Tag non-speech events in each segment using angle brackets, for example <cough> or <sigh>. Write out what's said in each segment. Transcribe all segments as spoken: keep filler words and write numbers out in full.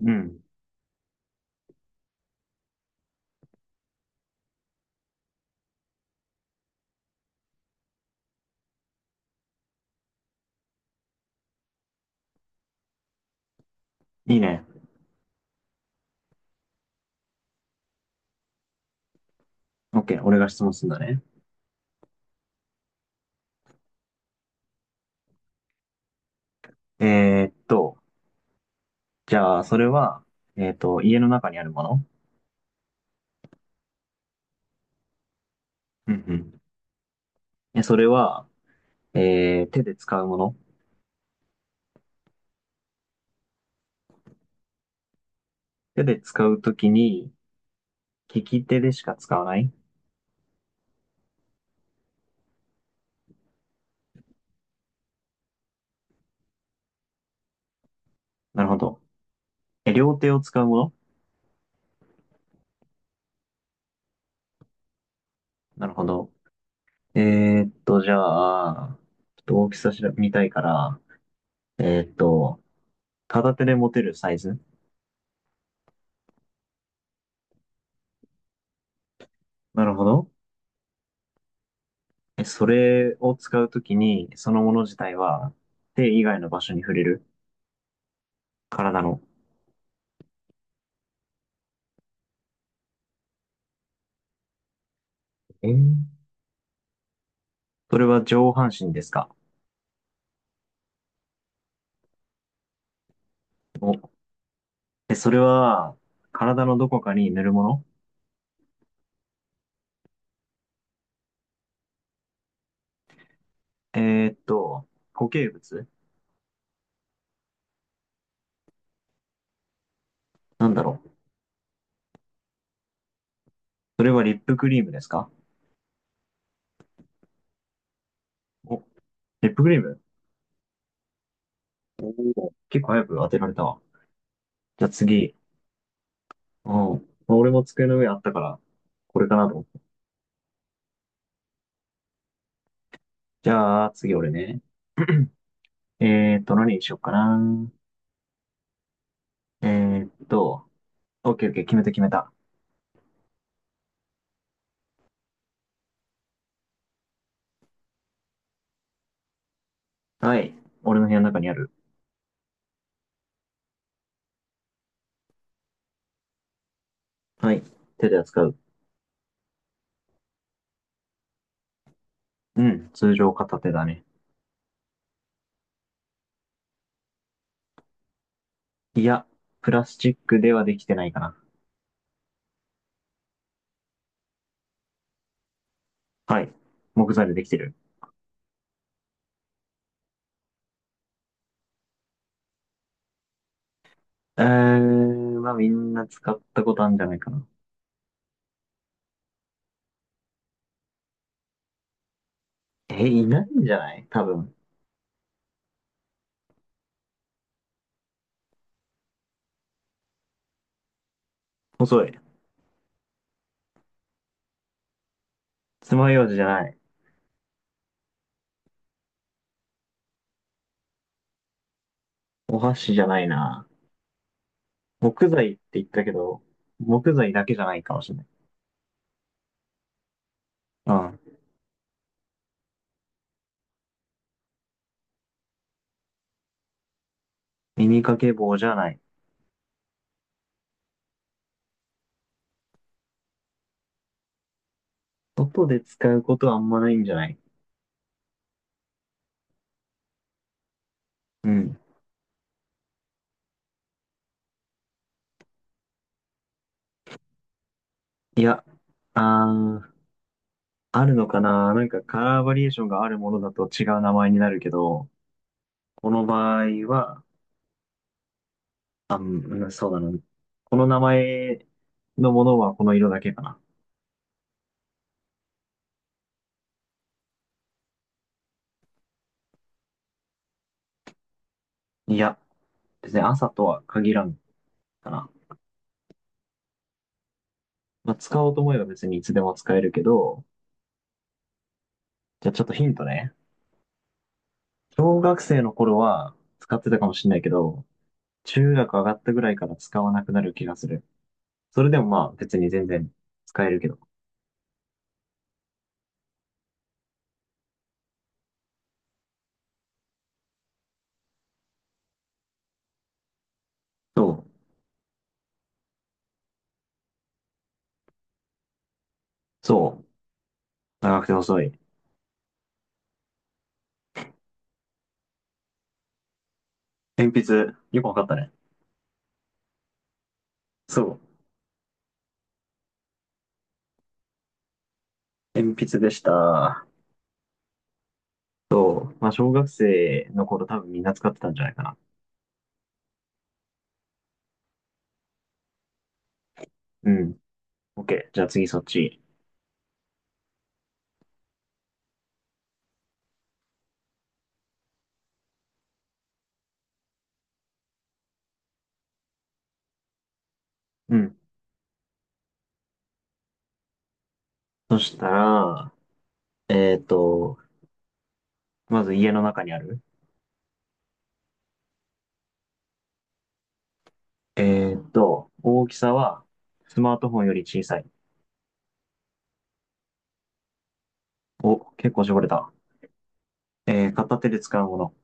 うん。いいね。OK。俺が質問するんだね。えーっと、じゃあ、それは、えーっと、家の中にあるもの？うんうん。え、それは、えー、手で使うもの？手で使うときに、利き手でしか使わない？なるほど。え、両手を使うもの？なるほど。えーっと、じゃあ、ちょっと大きさ調べ見たいから、えーっと、片手で持てるサイズ？なるほど。え、それを使うときに、そのもの自体は、手以外の場所に触れる？体の。えーそれは上半身ですか？お、え、それは、体のどこかに塗るもの？えーっと、固形物？なんだろう。それはリップクリームですか？お、リップクリーム。おおー結構早く当てられたわ。じゃあ次。うん。まあ俺も机の上あったから、これかなと思って。じゃあ次俺ね。えーっと、何にしよっかな。えーっと、オッケーオッケー、決めた決めた。はい。俺の部屋の中にある。はい。手で扱う。うん。通常片手だね。いや、プラスチックではできてないかな。はい。木材でできてる。えー、まあみんな使ったことあるんじゃないかな。え、いないんじゃない多分。細い。爪楊枝じゃない。お箸じゃないな。木材って言ったけど、木材だけじゃないかもしれない。うん。耳掛け棒じゃない。外で使うことはあんまないんじゃない？うん。いや、あー、あるのかな。なんかカラーバリエーションがあるものだと違う名前になるけど、この場合は、あ、うん、そうだな。この名前のものはこの色だけかな。いや、別に朝とは限らんかな。まあ、使おうと思えば別にいつでも使えるけど、じゃあちょっとヒントね。小学生の頃は使ってたかもしれないけど、中学上がったぐらいから使わなくなる気がする。それでもまあ別に全然使えるけど。そう。そう。長くて細い。鉛筆、よくわかったね。そう。鉛筆でした。そう。まあ小学生の頃多分みんな使ってたんじゃないかな。うん。OK。じゃあ次そっち。うん。そしたら、えっと、まず家の中にある。えっと、大きさはスマートフォンより小さい。お、結構絞れた。えー片手で使うもの。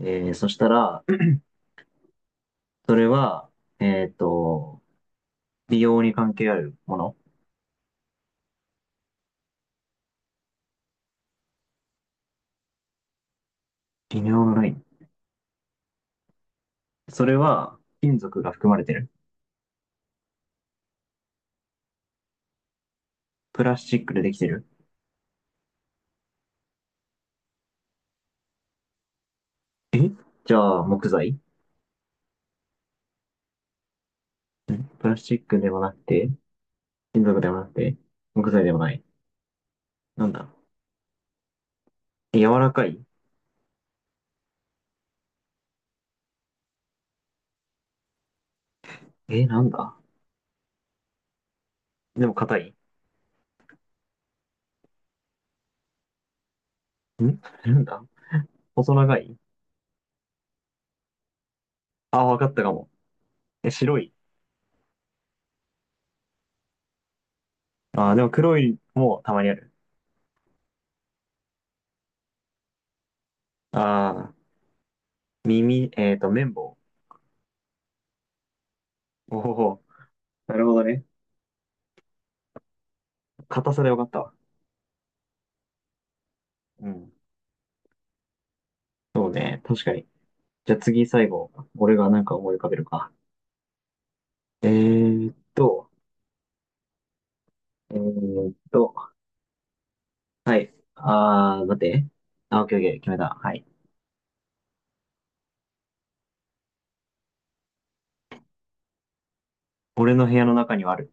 えーそしたら、それは、えっと、美容に関係あるもの。微妙なライン。それは、金属が含まれてる？プラスチックでできてる？えじゃあ、木材？んプラスチックでもなくて、金属でもなくて、木材でもない。なんだ。柔らかい？え、なんだ、でも硬い？んなんだ、細長い？あ、わかったかも。え、白い？あ、でも黒いもたまにある。あー、耳、えっと、綿棒。おほほ。なるほどね。硬さでわかったわ。うん。そうね、確かに。じゃあ次最後、俺がなんか思い浮かべるか。えーっと、えーっと、はい。あー、待って。あ、オッケーオッケー、決めた。はい。俺の部屋の中にはある。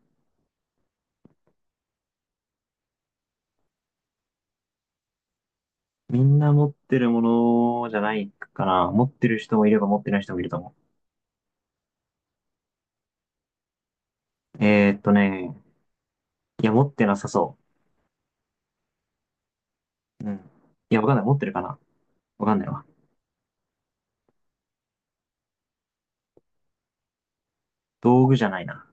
みんな持ってるものじゃないかな。持ってる人もいれば持ってない人もいると思う。えーっとね、いや、持ってなさそう。うん。いや、わかんない。持ってるかな？わかんないわ。道具じゃないな。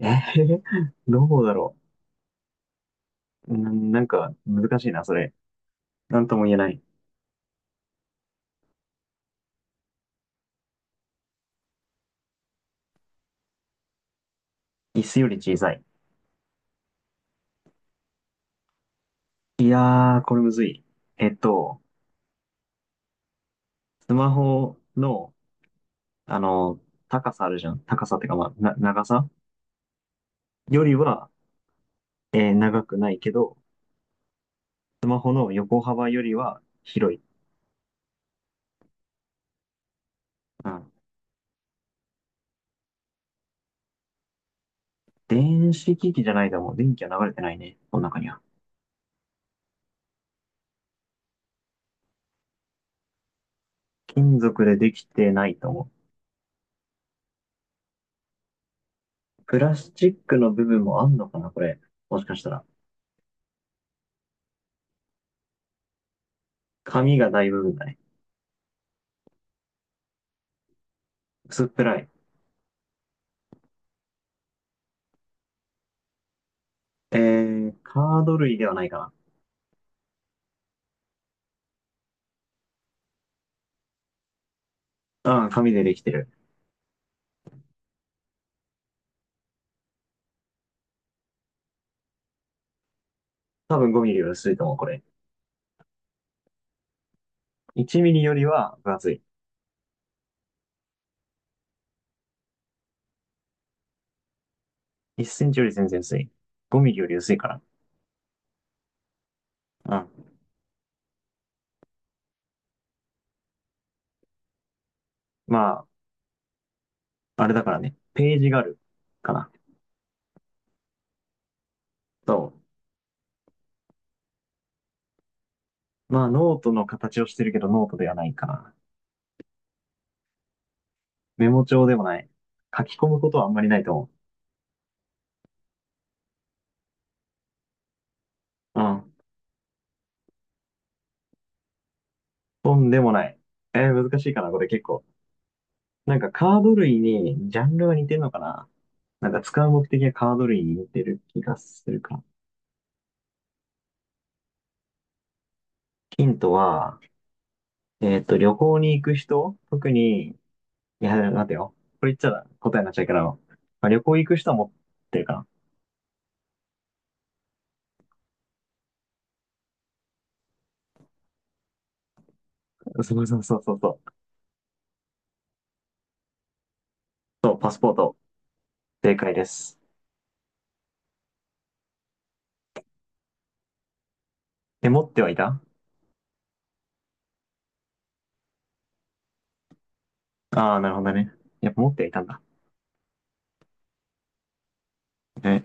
えー <laughs> どうだろう。うん、なんか、難しいな、それ。なんとも言えない。椅子より小さい。いやー、これむずい。えっと、スマホの、あの、高さあるじゃん。高さってか、まあ、な、長さよりは、えー長くないけど、スマホの横幅よりは広い。うん。電子機器じゃないかも。電気は流れてないね。この中には。金属でできてないと思う。プラスチックの部分もあんのかな、これ。もしかしたら。紙が大部分だね。薄っぺらい。えー、カード類ではないかな。うん、紙でできてる。多分ごミリより薄いと思う、これ。いちミリよりは分厚い。いっセンチより全然薄い。ごミリより薄いから。うん。まあ、あれだからね。ページがある。かな。そう。まあ、ノートの形をしてるけど、ノートではないかな。メモ帳でもない。書き込むことはあんまりないと思う。うん。とんでもない。えー難しいかな、これ結構。なんかカード類にジャンルが似てるのかな。なんか使う目的がカード類に似てる気がするか。ヒントは、えっと、旅行に行く人特に、いや、待てよ。これ言っちゃ答えになっちゃうから、まあ、旅行行く人は持ってるかな。そうそうそうそうそう。そう、パスポート。正解です。え、持ってはいた？ああー、なるほどね。やっぱ持ってはいたんだ。え